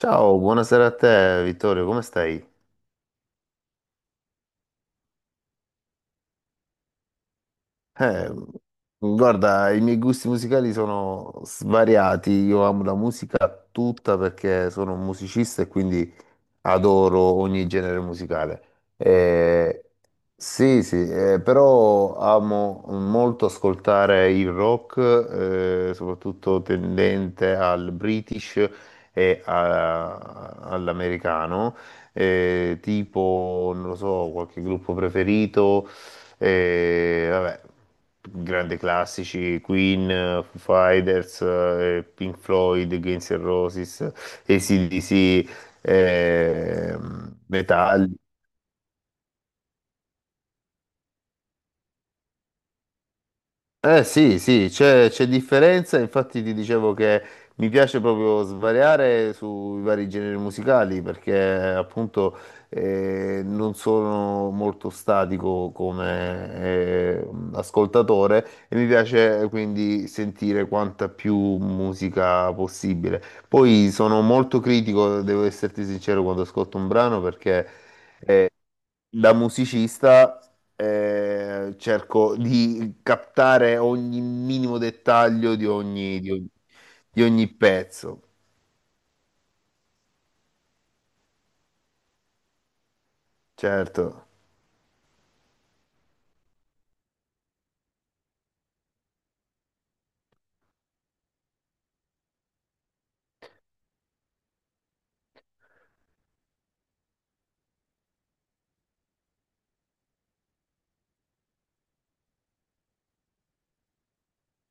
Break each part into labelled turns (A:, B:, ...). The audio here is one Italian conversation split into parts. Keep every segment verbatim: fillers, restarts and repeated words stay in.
A: Ciao, buonasera a te Vittorio, come stai? Eh, Guarda, i miei gusti musicali sono svariati, io amo la musica tutta perché sono un musicista e quindi adoro ogni genere musicale. Eh, sì, sì, eh, però amo molto ascoltare il rock, eh, soprattutto tendente al British e a- all'americano, eh, tipo, non lo so, qualche gruppo preferito, eh, vabbè, grandi classici, Queen, eh, Foo Fighters, eh, Pink Floyd, Guns N' Roses, A C/D C, ehm, metalli. Eh sì, sì, c'è c'è differenza, infatti ti dicevo che mi piace proprio svariare sui vari generi musicali perché appunto eh, non sono molto statico come eh, ascoltatore, e mi piace quindi sentire quanta più musica possibile. Poi sono molto critico, devo esserti sincero, quando ascolto un brano perché da musicista eh, cerco di captare ogni minimo dettaglio di ogni, di ogni- di ogni pezzo, certo.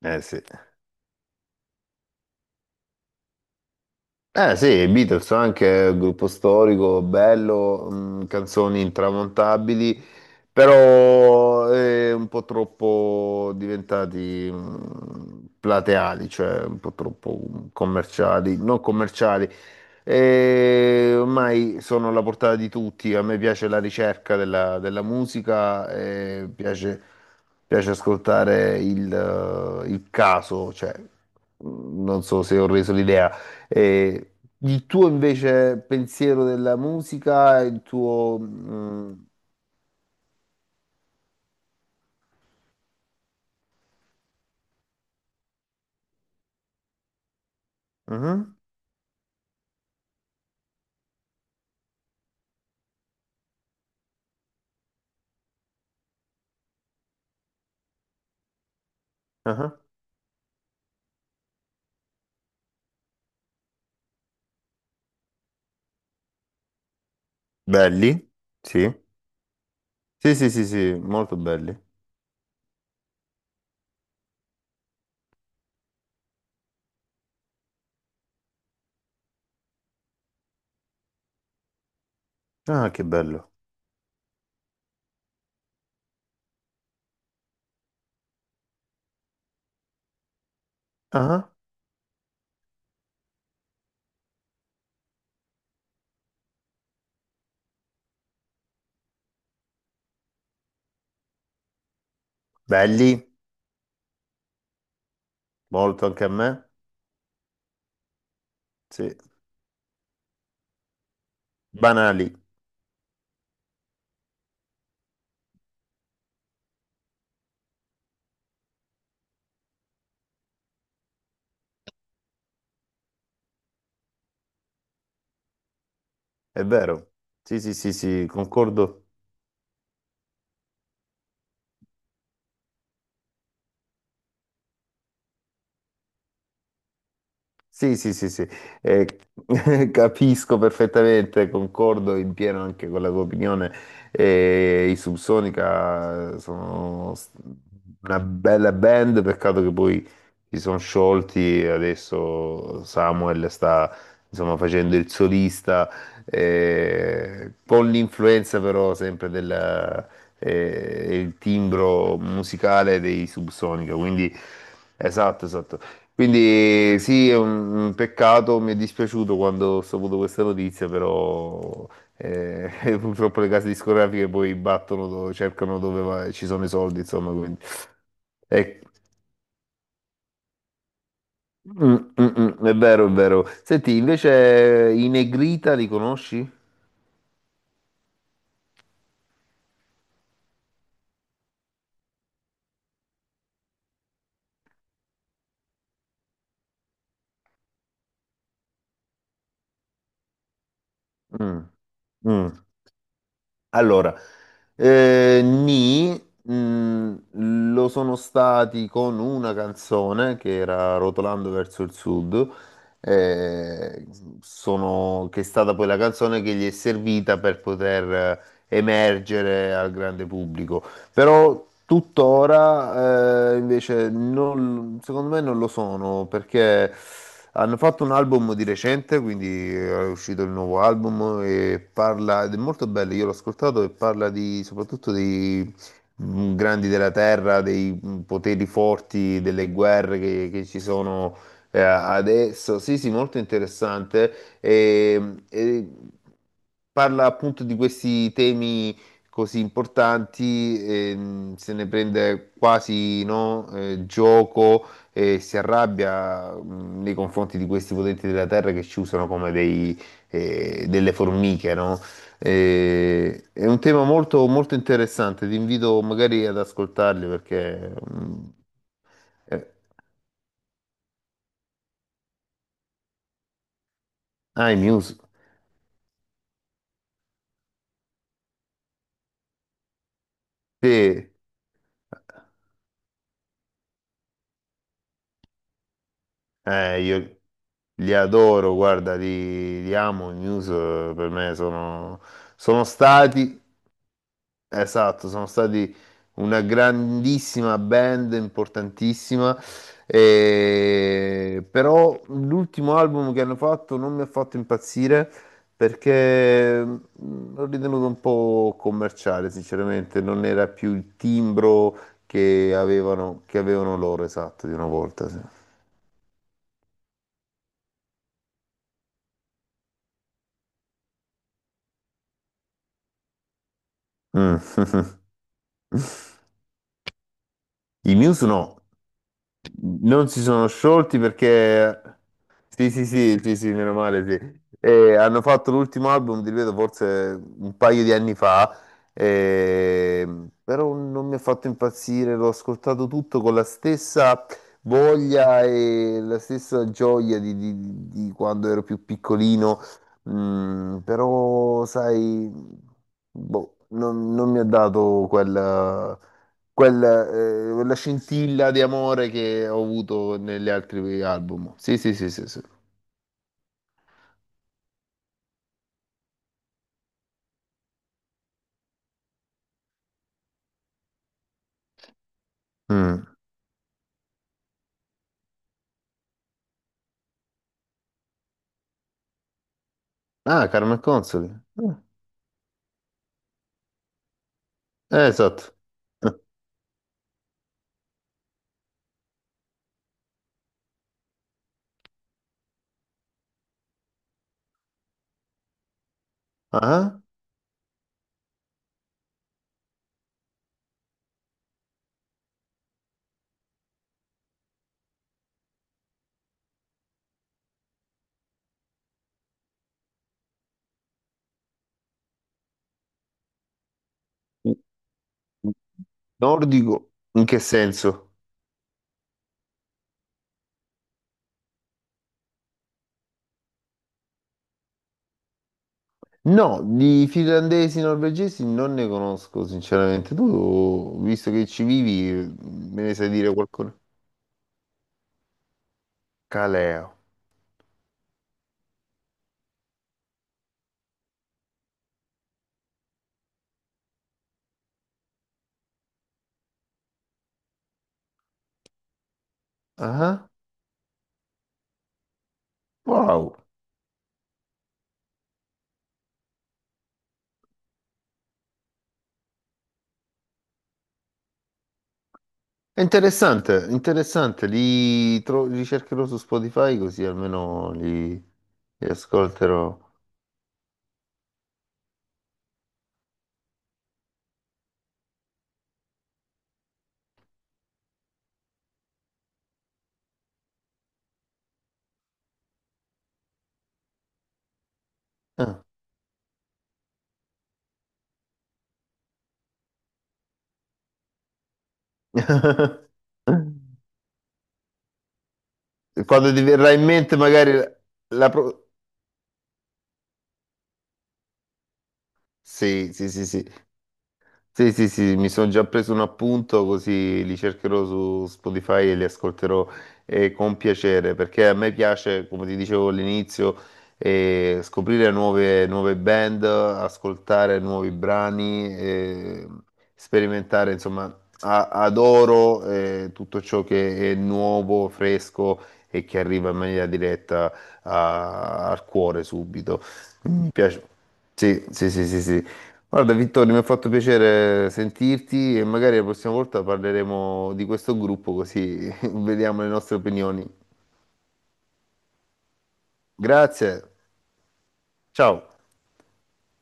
A: Eh sì. Eh sì, i Beatles sono anche un gruppo storico, bello, mh, canzoni intramontabili, però eh, un po' troppo diventati, mh, plateali, cioè un po' troppo, mm, commerciali, non commerciali. E ormai sono alla portata di tutti, a me piace la ricerca della, della musica, e piace, piace ascoltare il, eh, il caso, cioè, mh, non so se ho reso l'idea. E il tuo invece pensiero della musica, il tuo... mm, mhm, aha. Belli? Sì. Sì, sì, sì, sì, molto belli. Ah, che bello. Ah, belli, molto anche a me. Sì. Banali, è vero. Sì, sì, sì, sì, concordo. Sì, sì, sì, sì, eh, capisco perfettamente, concordo in pieno anche con la tua opinione. eh, I Subsonica sono s- una bella band, peccato che poi si sono sciolti, adesso Samuel sta insomma facendo il solista, eh, con l'influenza però sempre del eh, il timbro musicale dei Subsonica, quindi esatto, esatto. Quindi sì, è un, un peccato, mi è dispiaciuto quando ho saputo questa notizia, però eh, purtroppo le case discografiche poi battono, dove- cercano dove va- ci sono i soldi, insomma, quindi... Eh, mm, mm, mm, è vero, è vero. Senti, invece i Negrita li conosci? Mm, mm. Allora, eh, Nì, mh, lo sono stati con una canzone che era Rotolando verso il sud, eh, sono- che è stata poi la canzone che gli è servita per poter eh, emergere al grande pubblico. Però tuttora, eh, invece non- secondo me non lo sono, perché hanno fatto un album di recente, quindi è uscito il nuovo album e parla, ed è molto bello, io l'ho ascoltato e parla di, soprattutto dei, mm, grandi della terra, dei, mm, poteri forti, delle guerre che, che ci sono eh, adesso. Sì, sì, molto interessante. E, e parla appunto di questi temi così importanti, ehm, se ne prende quasi, no, eh, gioco, e si arrabbia, mh, nei confronti di questi potenti della terra che ci usano come dei, eh, delle formiche, no? Eh, è un tema molto, molto interessante, ti invito magari ad ascoltarli perché... mh, eh, ah, i Muse, sì, eh, io li adoro, guarda, li, li amo, i Muse eh, per me sono sono stati esatto, sono stati una grandissima band, importantissima, e- però l'ultimo album che hanno fatto non mi ha fatto impazzire perché, mm, l'ho ritenuto un po' commerciale, sinceramente, non era più il timbro che avevano, che avevano loro, esatto, di una volta. Sì. Mm. I Muse no. Non si sono sciolti perché... Sì, sì, sì, sì, sì, meno male, sì. E hanno fatto l'ultimo album, ti ripeto, forse un paio di anni fa, e- però non mi ha fatto impazzire, l'ho ascoltato tutto con la stessa voglia e la stessa gioia di, di- di quando ero più piccolino, mm, però, sai, boh, non, non mi ha dato quel... quel, eh, quella scintilla di amore che ho avuto negli altri album. Sì, sì, sì, sì, sì. Mm. Ah, Carmen Consoli. Mm. Eh, esatto. Ah, nordico, in che senso? No, di finlandesi, norvegesi non ne conosco, sinceramente. Tu, visto che ci vivi, me ne sai dire qualcosa? Caleo. Ah, wow. È interessante, interessante. Li tro- li cercherò su Spotify così almeno li... li ascolterò. Ah. Quando ti verrà in mente magari la... la pro- Sì, sì, sì, sì. Sì, sì, sì, mi sono già preso un appunto così li cercherò su Spotify e li ascolterò eh, con piacere, perché a me piace, come ti dicevo all'inizio, eh, scoprire nuove, nuove band, ascoltare nuovi brani, eh, sperimentare, insomma, a- adoro eh, tutto ciò che è nuovo, fresco e che arriva in maniera diretta a- al cuore subito. Mi piace. Sì, sì, sì, sì, sì. Guarda Vittorio, mi ha fatto piacere sentirti e magari la prossima volta parleremo di questo gruppo così vediamo le nostre opinioni. Grazie, ciao.